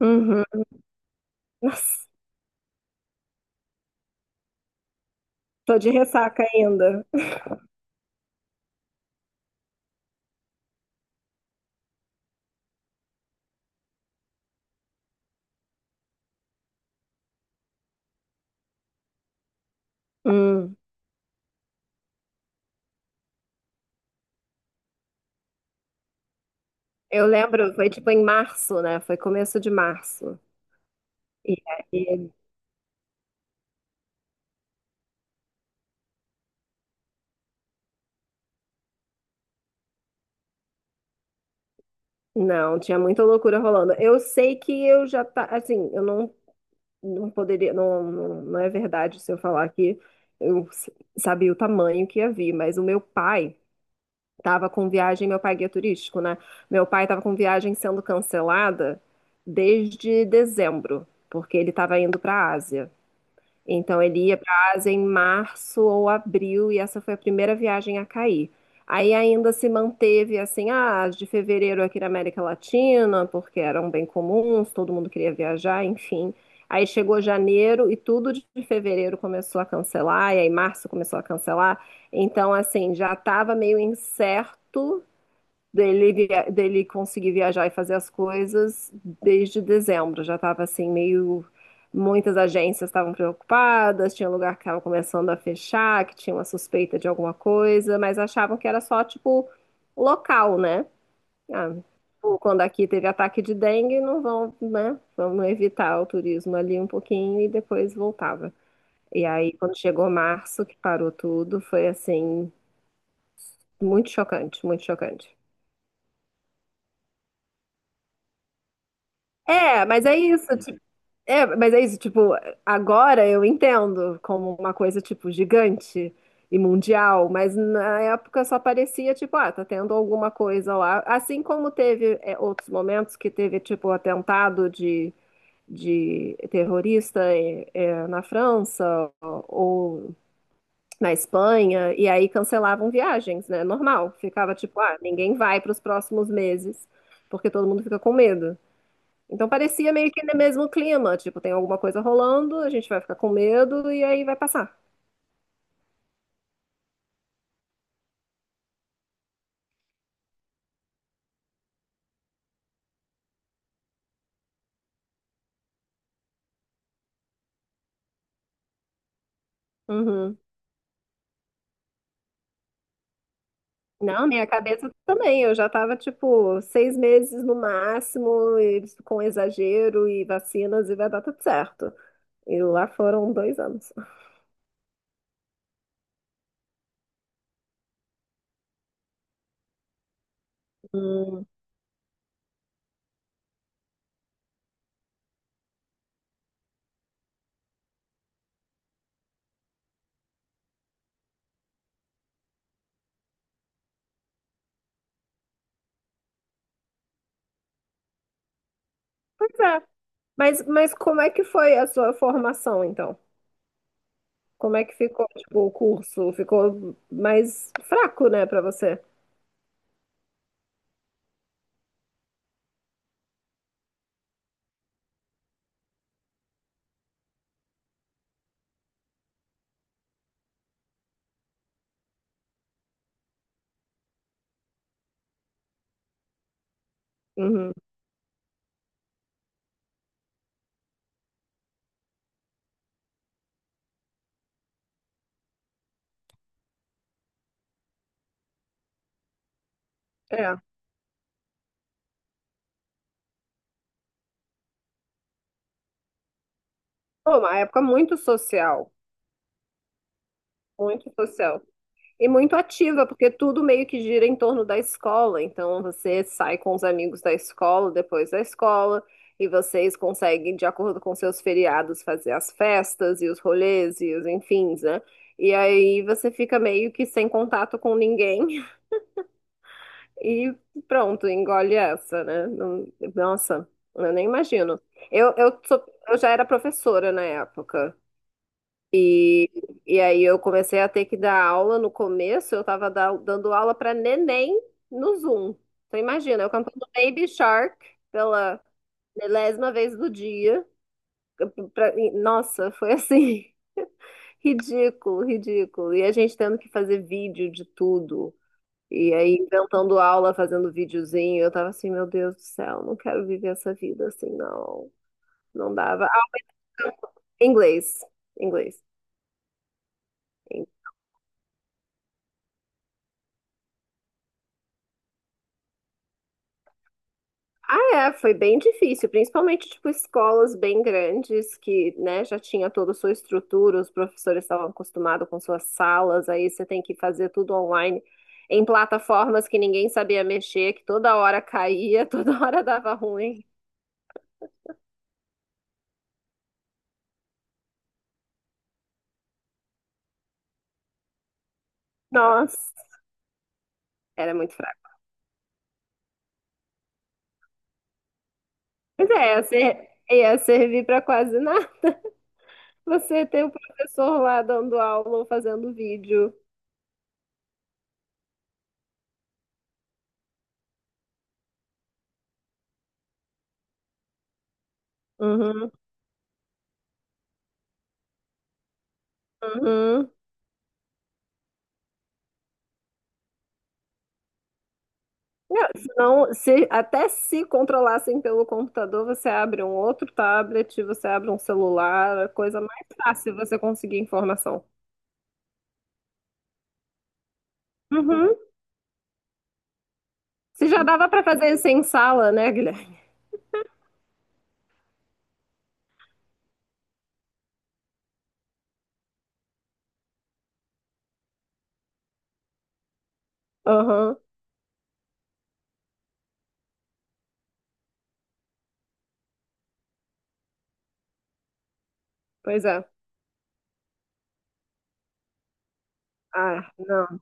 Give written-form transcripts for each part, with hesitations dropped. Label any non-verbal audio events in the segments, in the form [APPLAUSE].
Uhum. Nossa, tô de ressaca ainda. Hum. Eu lembro, foi tipo em março, né? Foi começo de março. E aí, não, tinha muita loucura rolando. Eu sei que eu já tá, assim, eu não, não poderia, não, não, não é verdade se eu falar que eu s- sabia o tamanho que ia vir, mas o meu pai tava com viagem, meu pai é guia turístico, né? Meu pai tava com viagem sendo cancelada desde dezembro, porque ele tava indo para a Ásia. Então ele ia para a Ásia em março ou abril e essa foi a primeira viagem a cair. Aí ainda se manteve assim, ah, as de fevereiro aqui na América Latina, porque eram bem comuns, todo mundo queria viajar, enfim. Aí chegou janeiro e tudo de fevereiro começou a cancelar, e aí março começou a cancelar. Então, assim, já estava meio incerto dele, dele conseguir viajar e fazer as coisas desde dezembro. Já estava assim, meio. Muitas agências estavam preocupadas, tinha lugar que estava começando a fechar, que tinha uma suspeita de alguma coisa, mas achavam que era só, tipo, local, né? Ah, tipo, quando aqui teve ataque de dengue, não vão, né? Vamos evitar o turismo ali um pouquinho e depois voltava. E aí, quando chegou março, que parou tudo, foi assim, muito chocante, muito chocante. É, mas é isso, tipo, agora eu entendo como uma coisa, tipo, gigante e mundial, mas na época só parecia, tipo, ah, tá tendo alguma coisa lá. Assim como teve, é, outros momentos que teve, tipo, atentado de terrorista, na França ou na Espanha, e aí cancelavam viagens, né? Normal. Ficava, tipo, ah, ninguém vai para os próximos meses, porque todo mundo fica com medo. Então parecia meio que no mesmo clima, tipo, tem alguma coisa rolando, a gente vai ficar com medo e aí vai passar. Uhum. Não, minha cabeça também, eu já tava, tipo, seis meses no máximo, e com exagero e vacinas e vai dar tudo certo. E lá foram dois anos. Hum, pois é. Mas como é que foi a sua formação, então? Como é que ficou, tipo, o curso? Ficou mais fraco, né, pra você? Uhum. É. Pô, uma época muito social. Muito social. E muito ativa, porque tudo meio que gira em torno da escola. Então você sai com os amigos da escola, depois da escola, e vocês conseguem, de acordo com seus feriados, fazer as festas e os rolês e os enfins, né? E aí você fica meio que sem contato com ninguém [LAUGHS] e pronto, engole essa, né? Não- Nossa, eu nem imagino. Eu já era professora na época. E, e aí eu comecei a ter que dar aula no começo, eu estava dando aula para neném no Zoom. Então imagina, eu cantando Baby Shark pela milésima vez do dia. Nossa, foi assim, [LAUGHS] ridículo, ridículo. E a gente tendo que fazer vídeo de tudo. E aí inventando aula, fazendo videozinho. Eu tava assim, meu Deus do céu, não quero viver essa vida assim, não. Não dava. Ah, inglês, inglês. Ah, é, foi bem difícil, principalmente tipo escolas bem grandes que, né, já tinha toda a sua estrutura, os professores estavam acostumados com suas salas, aí você tem que fazer tudo online em plataformas que ninguém sabia mexer, que toda hora caía, [LAUGHS] toda hora dava ruim. Nossa, era muito fraco. Mas é, ia servir para quase nada. Você ter o professor lá dando aula ou fazendo vídeo. Uhum, uhum. Não, senão, se, até se controlassem pelo computador, você abre um outro tablet, você abre um celular, a coisa mais fácil você conseguir informação. Uhum. Se já dava para fazer isso em sala, né, Guilherme? Aham, pois é. Ah, não.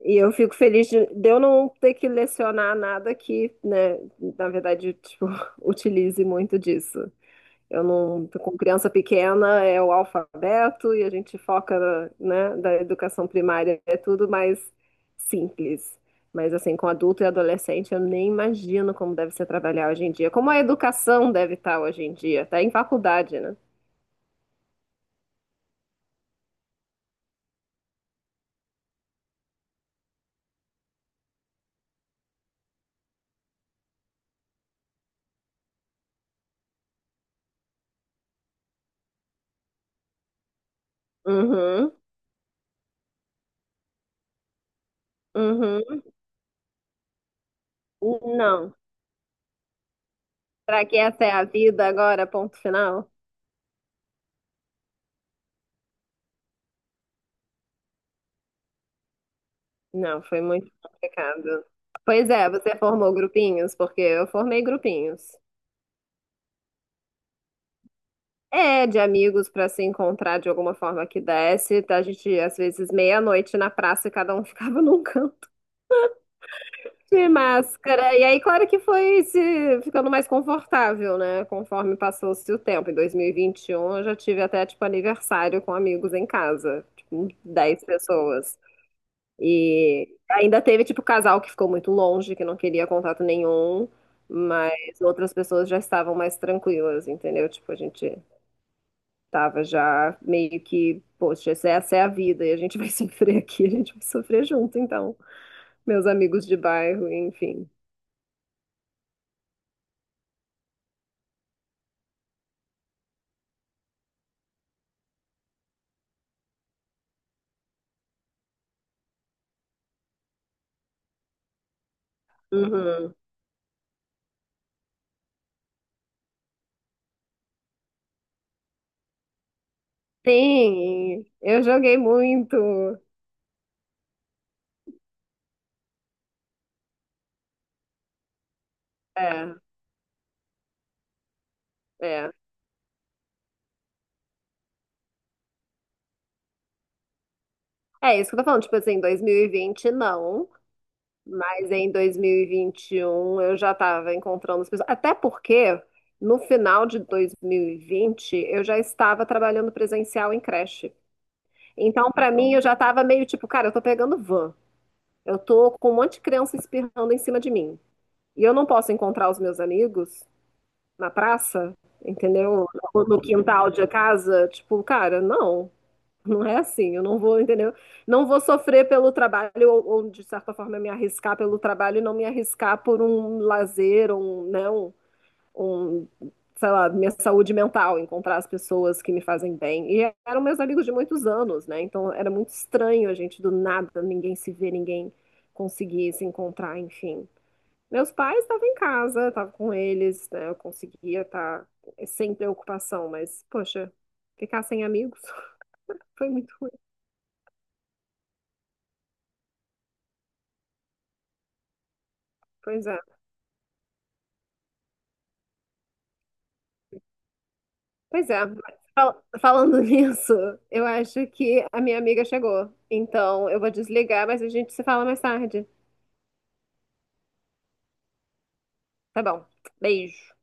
E eu fico feliz de eu não ter que lecionar nada que, né, na verdade, tipo, [LAUGHS] utilize muito disso. Eu não, com criança pequena é o alfabeto e a gente foca, na- né, da educação primária, é tudo mais simples. Mas assim, com adulto e adolescente, eu nem imagino como deve ser trabalhar hoje em dia. Como a educação deve estar hoje em dia, tá em faculdade, né? Uhum, uhum. Não. Será que essa é a vida agora, ponto final? Não, foi muito complicado. Pois é, você formou grupinhos, porque eu formei grupinhos. É, de amigos para se encontrar de alguma forma que desse. A gente, às vezes, meia-noite na praça e cada um [LAUGHS] ficava num canto de máscara. E aí, claro que foi se ficando mais confortável, né? Conforme passou-se o tempo. Em 2021, eu já tive até, tipo, aniversário com amigos em casa, tipo, 10 pessoas. E ainda teve, tipo, casal que ficou muito longe, que não queria contato nenhum, mas outras pessoas já estavam mais tranquilas, entendeu? Tipo, a gente. Tava já meio que, poxa, essa é a vida e a gente vai [LAUGHS] sofrer aqui, a gente vai sofrer junto, então. Meus amigos de bairro, enfim. Uhum. Sim, eu joguei muito. É, é. É isso que eu tô falando, tipo assim, em 2020 não, mas em 2021 eu já tava encontrando as pessoas. Até porque no final de 2020 eu já estava trabalhando presencial em creche. Então, pra mim, eu já tava meio tipo, cara, eu tô pegando van. Eu tô com um monte de criança espirrando em cima de mim. E eu não posso encontrar os meus amigos na praça, entendeu? Ou no quintal de casa. Tipo, cara, não. Não é assim. Eu não vou, entendeu? Não vou sofrer pelo trabalho ou, de certa forma, me arriscar pelo trabalho e não me arriscar por um lazer, um, né, um, sei lá, minha saúde mental, encontrar as pessoas que me fazem bem. E eram meus amigos de muitos anos, né? Então era muito estranho a gente do nada, ninguém se ver, ninguém conseguir se encontrar, enfim. Meus pais estavam em casa, estava com eles, né? Eu conseguia estar sem preocupação, mas, poxa, ficar sem amigos [LAUGHS] foi muito ruim. Pois é. Pois é. Falando [LAUGHS] nisso, eu acho que a minha amiga chegou. Então eu vou desligar, mas a gente se fala mais tarde. Tá bom. Beijo.